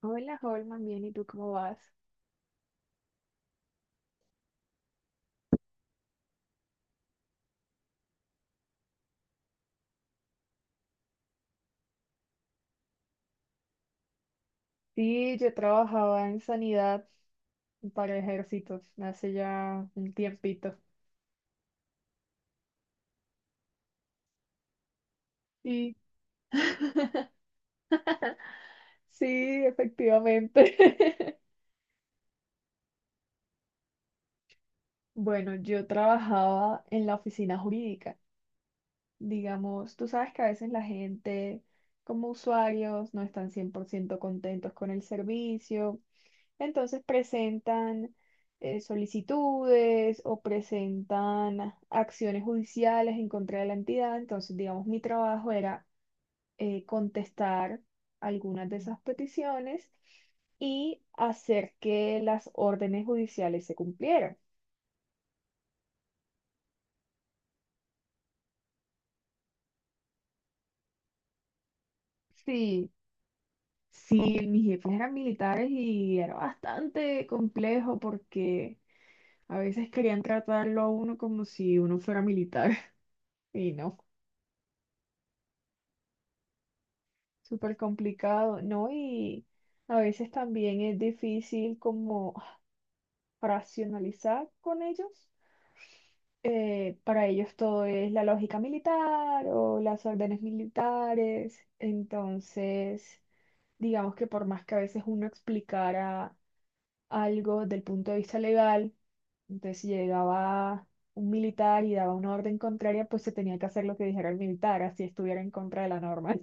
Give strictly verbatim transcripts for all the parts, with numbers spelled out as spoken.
Hola, Holman, bien, ¿y tú cómo vas? Sí, yo trabajaba en sanidad para ejércitos hace ya un tiempito. Sí. Sí, efectivamente. Bueno, yo trabajaba en la oficina jurídica. Digamos, tú sabes que a veces la gente, como usuarios, no están cien por ciento contentos con el servicio. Entonces presentan eh, solicitudes o presentan acciones judiciales en contra de la entidad. Entonces, digamos, mi trabajo era eh, contestar algunas de esas peticiones y hacer que las órdenes judiciales se cumplieran. Sí, sí, mis jefes eran militares y era bastante complejo porque a veces querían tratarlo a uno como si uno fuera militar y no. Súper complicado, ¿no? Y a veces también es difícil como racionalizar con ellos. Eh, para ellos todo es la lógica militar o las órdenes militares. Entonces, digamos que por más que a veces uno explicara algo del punto de vista legal, entonces si llegaba un militar y daba una orden contraria, pues se tenía que hacer lo que dijera el militar, así estuviera en contra de la norma.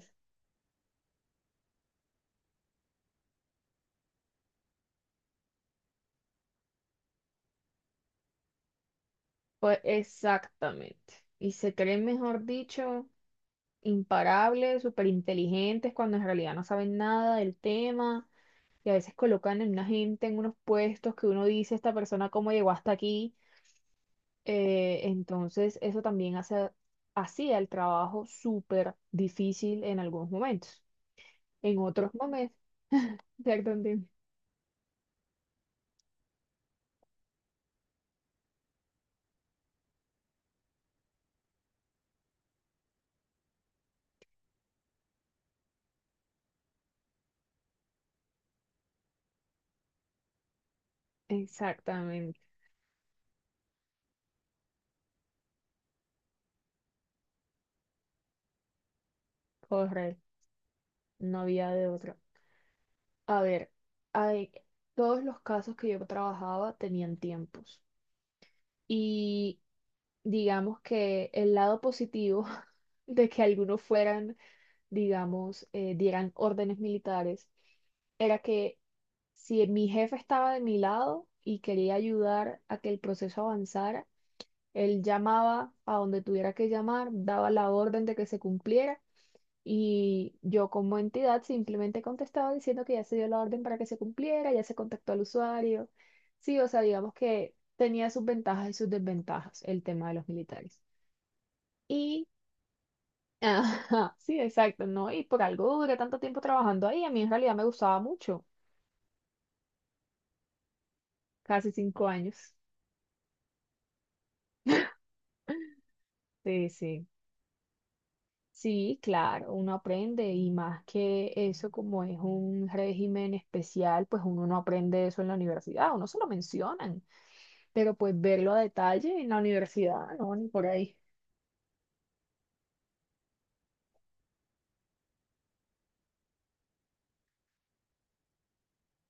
Pues exactamente. Y se creen, mejor dicho, imparables, súper inteligentes, cuando en realidad no saben nada del tema. Y a veces colocan en una gente en unos puestos que uno dice, esta persona cómo llegó hasta aquí. Eh, entonces, eso también hace, hacía el trabajo súper difícil en algunos momentos. En otros momentos, exactamente, exactamente, correcto. No había de otra. A ver, hay, todos los casos que yo trabajaba tenían tiempos. Y digamos que el lado positivo de que algunos fueran, digamos, eh, dieran órdenes militares, era que si mi jefe estaba de mi lado y quería ayudar a que el proceso avanzara, él llamaba a donde tuviera que llamar, daba la orden de que se cumpliera y yo como entidad simplemente contestaba diciendo que ya se dio la orden para que se cumpliera, ya se contactó al usuario. Sí, o sea, digamos que tenía sus ventajas y sus desventajas el tema de los militares. Y, ajá, sí, exacto, ¿no? Y por algo duré tanto tiempo trabajando ahí, a mí en realidad me gustaba mucho, casi cinco años. Sí, sí. Sí, claro, uno aprende y más que eso, como es un régimen especial, pues uno no aprende eso en la universidad, uno se lo mencionan. Pero pues verlo a detalle en la universidad, no, ni por ahí.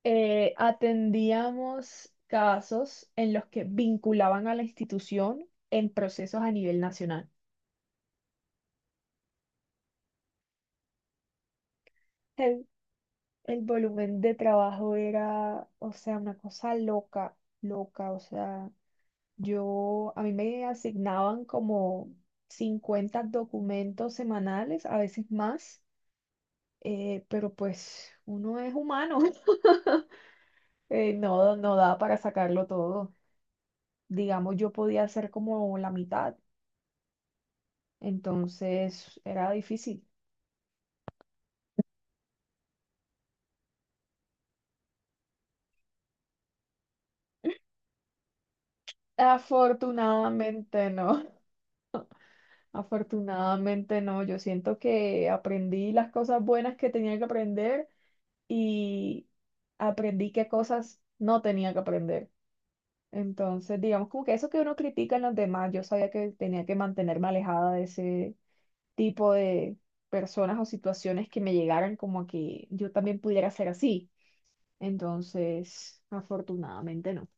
Eh, atendíamos casos en los que vinculaban a la institución en procesos a nivel nacional. El, el volumen de trabajo era, o sea, una cosa loca, loca, o sea, yo, a mí me asignaban como cincuenta documentos semanales, a veces más, eh, pero pues uno es humano, eh, no, no da para sacarlo todo. Digamos, yo podía hacer como la mitad, entonces era difícil. Afortunadamente no, afortunadamente no, yo siento que aprendí las cosas buenas que tenía que aprender y aprendí qué cosas no tenía que aprender. Entonces, digamos, como que eso que uno critica en los demás, yo sabía que tenía que mantenerme alejada de ese tipo de personas o situaciones que me llegaran como a que yo también pudiera ser así. Entonces, afortunadamente no.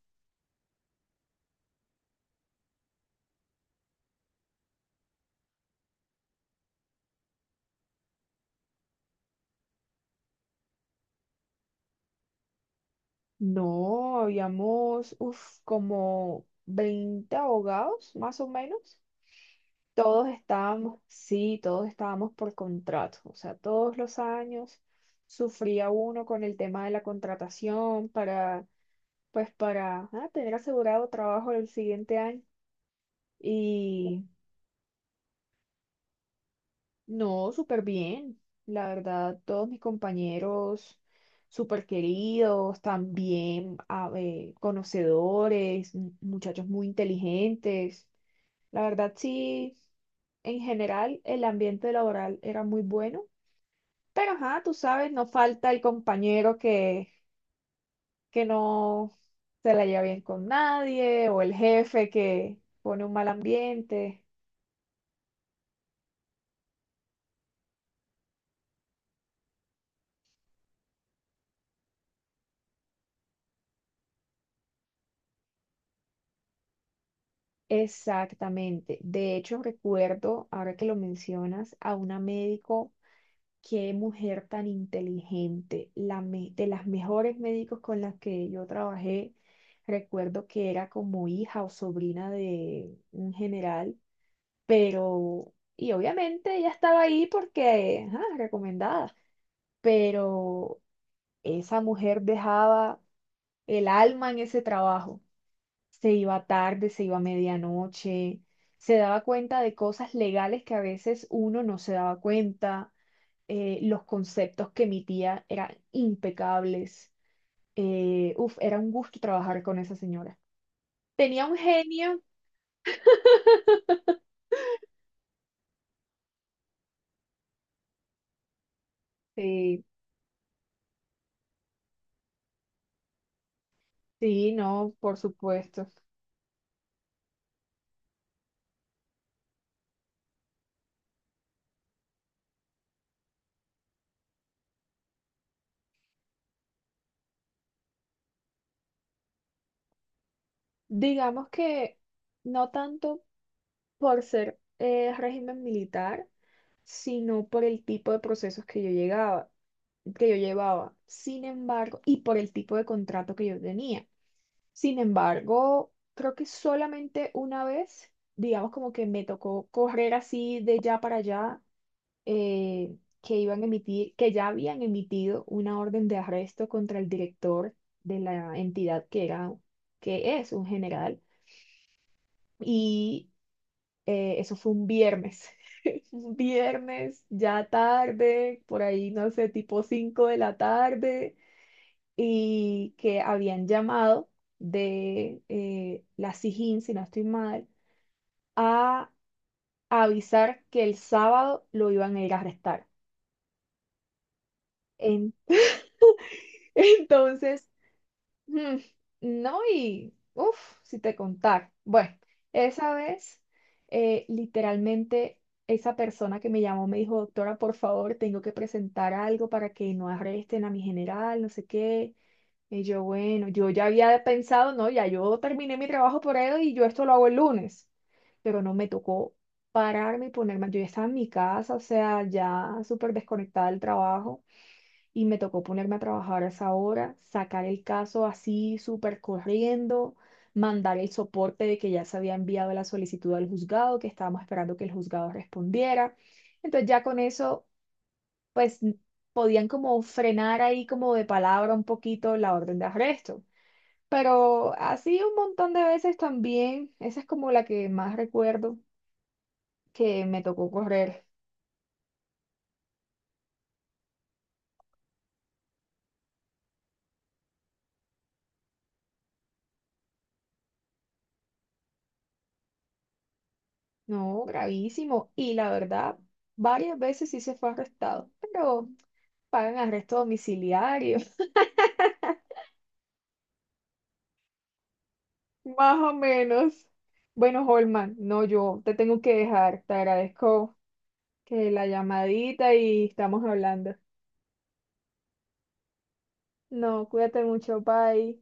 No, habíamos, uf, como veinte abogados, más o menos. Todos estábamos, sí, todos estábamos por contrato. O sea, todos los años sufría uno con el tema de la contratación para, pues, para ah, tener asegurado trabajo el siguiente año. Y no, súper bien. La verdad, todos mis compañeros súper queridos, también a eh conocedores, m- muchachos muy inteligentes. La verdad, sí, en general el ambiente laboral era muy bueno, pero ajá, tú sabes, no falta el compañero que, que no se la lleva bien con nadie o el jefe que pone un mal ambiente. Exactamente. De hecho, recuerdo, ahora que lo mencionas, a una médico, qué mujer tan inteligente, la me- de las mejores médicos con las que yo trabajé. Recuerdo que era como hija o sobrina de un general, pero, y obviamente ella estaba ahí porque, ajá, recomendada, pero esa mujer dejaba el alma en ese trabajo. Se iba tarde, se iba a medianoche, se daba cuenta de cosas legales que a veces uno no se daba cuenta, eh, los conceptos que emitía eran impecables, eh, uf, era un gusto trabajar con esa señora. Tenía un genio, sí, sí, no, por supuesto. Digamos que no tanto por ser eh, régimen militar, sino por el tipo de procesos que yo llegaba. Que yo llevaba. Sin embargo, y por el tipo de contrato que yo tenía. Sin embargo, creo que solamente una vez, digamos como que me tocó correr así de ya para allá, eh, que iban a emitir, que ya habían emitido una orden de arresto contra el director de la entidad que era, que es un general. Y eh, eso fue un viernes. Un viernes, ya tarde, por ahí, no sé, tipo cinco de la tarde. Y que habían llamado de eh, la Sijín, si no estoy mal, a avisar que el sábado lo iban a ir a arrestar. En- entonces, mm, no, y uff, si te contar. Bueno, esa vez, eh, literalmente, esa persona que me llamó me dijo, doctora, por favor, tengo que presentar algo para que no arresten a mi general, no sé qué. Y yo, bueno, yo ya había pensado, no, ya yo terminé mi trabajo por él y yo esto lo hago el lunes. Pero no me tocó pararme y ponerme, yo ya estaba en mi casa, o sea, ya súper desconectada del trabajo y me tocó ponerme a trabajar a esa hora, sacar el caso así súper corriendo, mandar el soporte de que ya se había enviado la solicitud al juzgado, que estábamos esperando que el juzgado respondiera. Entonces ya con eso, pues podían como frenar ahí como de palabra un poquito la orden de arresto. Pero así un montón de veces también, esa es como la que más recuerdo que me tocó correr. No, gravísimo. Y la verdad, varias veces sí se fue arrestado, pero pagan arresto domiciliario, más o menos. Bueno, Holman, no, yo te tengo que dejar. Te agradezco que la llamadita y estamos hablando. No, cuídate mucho, bye.